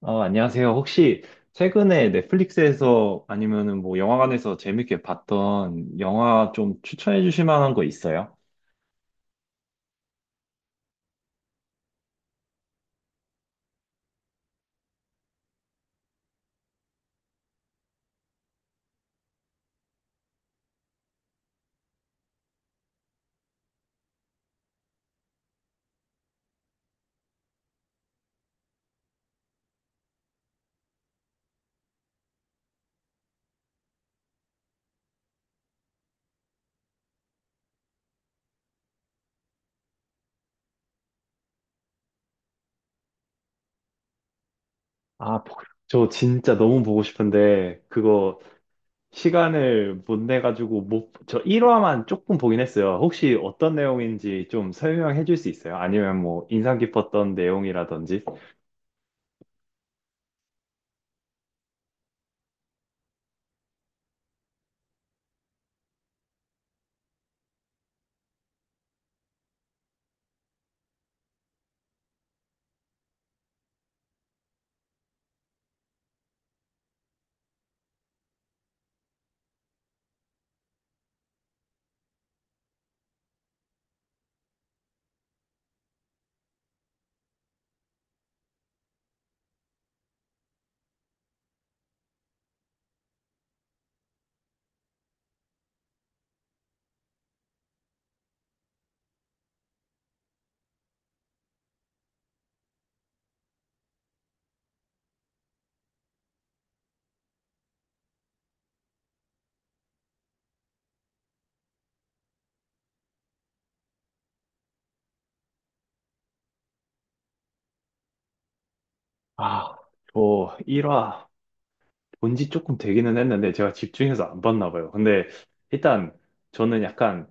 안녕하세요. 혹시 최근에 넷플릭스에서 아니면은 뭐 영화관에서 재밌게 봤던 영화 좀 추천해 주실 만한 거 있어요? 아, 보- 저 진짜 너무 보고 싶은데 그거 시간을 못 내 가지고 못, 저 1화만 조금 보긴 했어요. 혹시 어떤 내용인지 좀 설명해 줄 수 있어요? 아니면 뭐 인상 깊었던 내용이라든지? 아, 저 1화 본지 조금 되기는 했는데 제가 집중해서 안 봤나 봐요. 근데 일단 저는 약간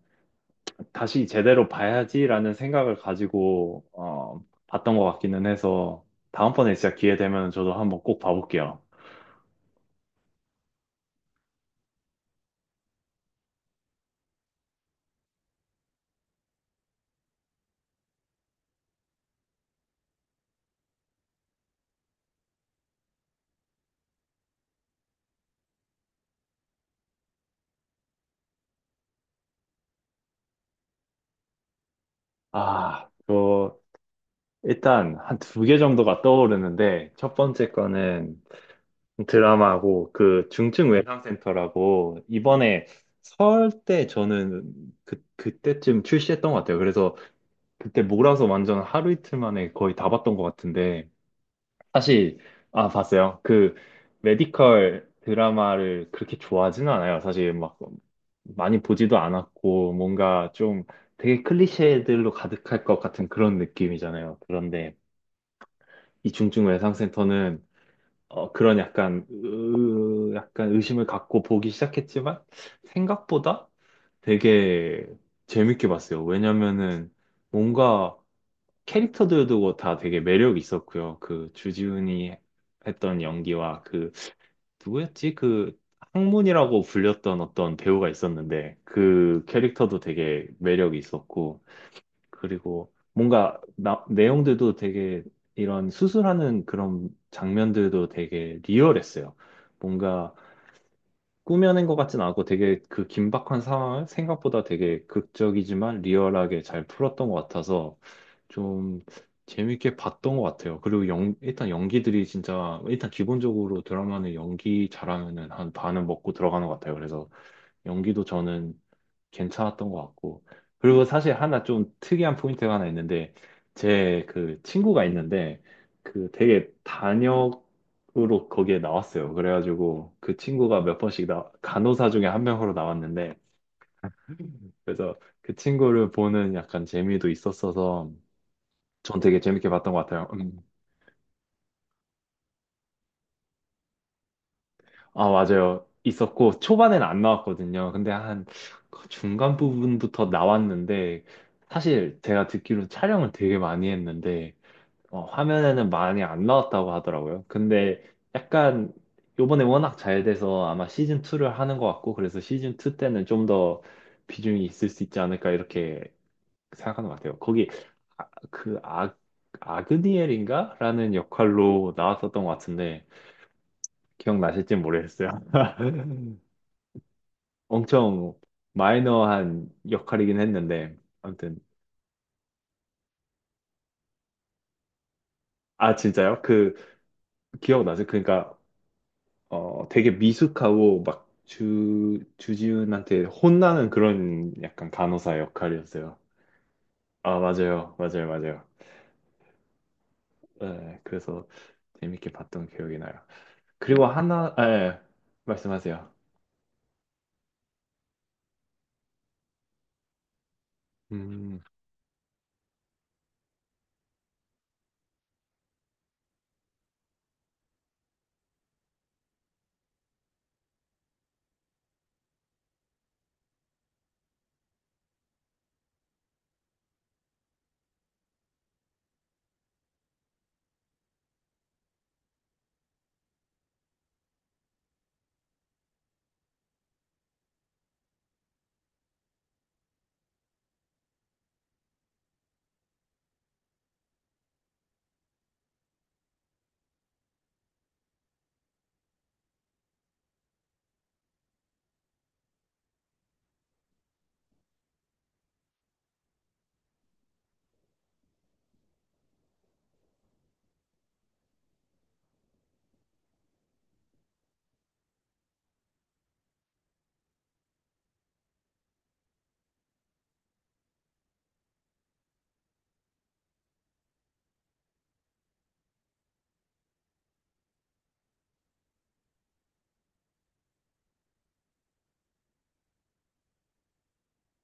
다시 제대로 봐야지라는 생각을 가지고 봤던 것 같기는 해서 다음번에 진짜 기회 되면 저도 한번 꼭 봐볼게요. 아, 저 일단 한 두 개 정도가 떠오르는데 첫 번째 거는 드라마고 그 중증외상센터라고 이번에 설 때 저는 그때쯤 출시했던 것 같아요. 그래서 그때 몰아서 완전 하루 이틀 만에 거의 다 봤던 것 같은데 사실 봤어요. 그 메디컬 드라마를 그렇게 좋아하지는 않아요. 사실 막 많이 보지도 않았고 뭔가 좀 되게 클리셰들로 가득할 것 같은 그런 느낌이잖아요. 그런데 이 중증외상센터는 그런 약간 의심을 갖고 보기 시작했지만 생각보다 되게 재밌게 봤어요. 왜냐면은 뭔가 캐릭터들도 뭐 다 되게 매력 있었고요. 그 주지훈이 했던 연기와 그 누구였지? 그 항문이라고 불렸던 어떤 배우가 있었는데 그 캐릭터도 되게 매력이 있었고 그리고 뭔가 내용들도 되게 이런 수술하는 그런 장면들도 되게 리얼했어요. 뭔가 꾸며낸 것 같진 않고 되게 그 긴박한 상황을 생각보다 되게 극적이지만 리얼하게 잘 풀었던 것 같아서 좀 재밌게 봤던 것 같아요. 그리고 일단 연기들이 진짜 일단 기본적으로 드라마는 연기 잘하면은 한 반은 먹고 들어가는 것 같아요. 그래서 연기도 저는 괜찮았던 것 같고. 그리고 사실 하나 좀 특이한 포인트가 하나 있는데, 제 그 친구가 있는데, 그 되게 단역으로 거기에 나왔어요. 그래가지고 그 친구가 몇 번씩 간호사 중에 한 명으로 나왔는데, 그래서 그 친구를 보는 약간 재미도 있었어서, 전 되게 재밌게 봤던 것 같아요. 음. 아, 맞아요. 있었고, 초반에는 안 나왔거든요. 근데 한 그 중간 부분부터 나왔는데, 사실 제가 듣기로 촬영을 되게 많이 했는데, 화면에는 많이 안 나왔다고 하더라고요. 근데 약간 요번에 워낙 잘 돼서 아마 시즌 2를 하는 것 같고 그래서 시즌 2 때는 좀 더 비중이 있을 수 있지 않을까 이렇게 생각하는 것 같아요. 거기 아, 그 아, 아그니엘인가? 라는 역할로 나왔었던 것 같은데 기억나실지 모르겠어요. 엄청 마이너한 역할이긴 했는데 아무튼 아 진짜요? 그 기억나세요? 그러니까 되게 미숙하고 막 주지훈한테 혼나는 그런 약간 간호사 역할이었어요. 아, 맞아요. 맞아요. 맞아요. 네, 그래서 재밌게 봤던 기억이 나요. 그리고 예, 말씀하세요. 음,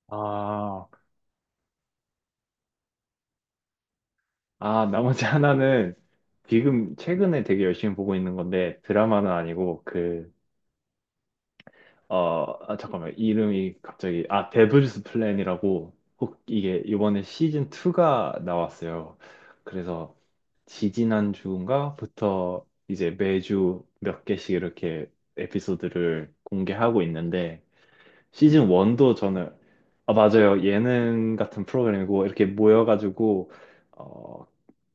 아, 나머지 하나는 지금 최근에 되게 열심히 보고 있는 건데 드라마는 아니고 잠깐만, 이름이 갑자기, 아, 데블스 플랜이라고 혹 이게 이번에 시즌 2가 나왔어요. 그래서 지지난주인가부터 이제 매주 몇 개씩 이렇게 에피소드를 공개하고 있는데 시즌 1도 저는 아 맞아요 예능 같은 프로그램이고 이렇게 모여가지고 어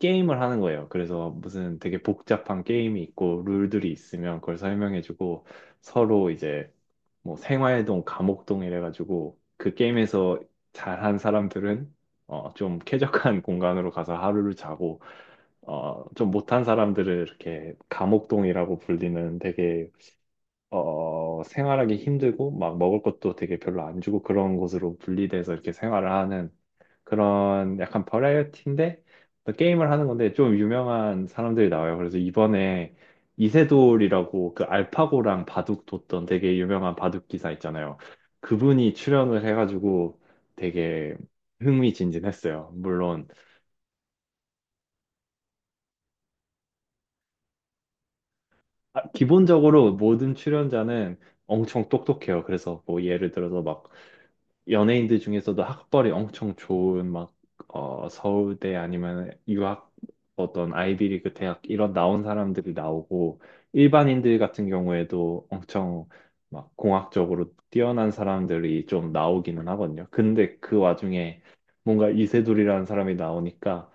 게임을 하는 거예요. 그래서 무슨 되게 복잡한 게임이 있고 룰들이 있으면 그걸 설명해주고 서로 이제 뭐 생활동, 감옥동 이래가지고 그 게임에서 잘한 사람들은 좀 쾌적한 공간으로 가서 하루를 자고 좀 못한 사람들을 이렇게 감옥동이라고 불리는 되게 생활하기 힘들고 막 먹을 것도 되게 별로 안 주고 그런 곳으로 분리돼서 이렇게 생활을 하는 그런 약간 버라이어티인데 또 게임을 하는 건데 좀 유명한 사람들이 나와요. 그래서 이번에 이세돌이라고 그 알파고랑 바둑 뒀던 되게 유명한 바둑 기사 있잖아요. 그분이 출연을 해가지고 되게 흥미진진했어요. 기본적으로 모든 출연자는 엄청 똑똑해요. 그래서 뭐 예를 들어서 막 연예인들 중에서도 학벌이 엄청 좋은 막 서울대 아니면 유학 어떤 아이비리그 대학 이런 나온 사람들이 나오고 일반인들 같은 경우에도 엄청 막 공학적으로 뛰어난 사람들이 좀 나오기는 하거든요. 근데 그 와중에 뭔가 이세돌이라는 사람이 나오니까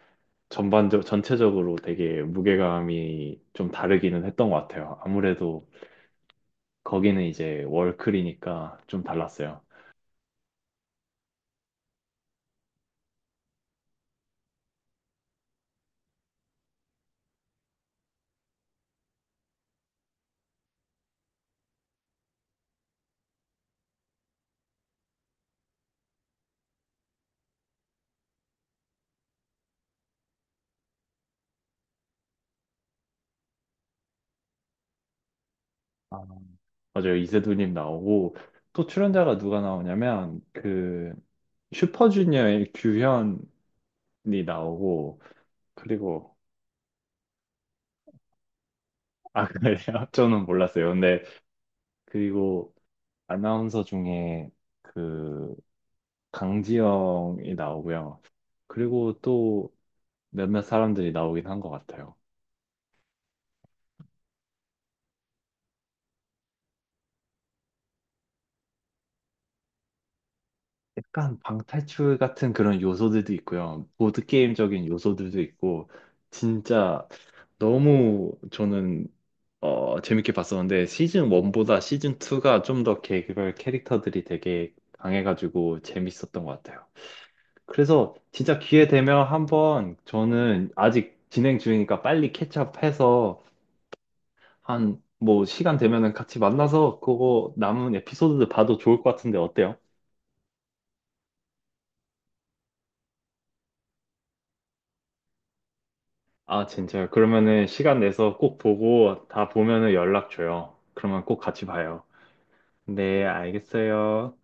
전반적 전체적으로 되게 무게감이 좀 다르기는 했던 것 같아요. 아무래도 거기는 이제 월클이니까 좀 달랐어요. 아, 맞아요. 이세돌님 나오고 또 출연자가 누가 나오냐면 그 슈퍼주니어의 규현이 나오고 그리고 아 그래요? 저는 몰랐어요. 근데 그리고 아나운서 중에 그 강지영이 나오고요. 그리고 또 몇몇 사람들이 나오긴 한 것 같아요. 약간 방탈출 같은 그런 요소들도 있고요. 보드게임적인 요소들도 있고 진짜 너무 저는 재밌게 봤었는데 시즌 1보다 시즌 2가 좀 더 개별 캐릭터들이 되게 강해가지고 재밌었던 것 같아요. 그래서 진짜 기회 되면 한번 저는 아직 진행 중이니까 빨리 캐치업해서 한 뭐 시간 되면은 같이 만나서 그거 남은 에피소드들 봐도 좋을 것 같은데 어때요? 아, 진짜요? 그러면은 시간 내서 꼭 보고 다 보면은 연락 줘요. 그러면 꼭 같이 봐요. 네, 알겠어요.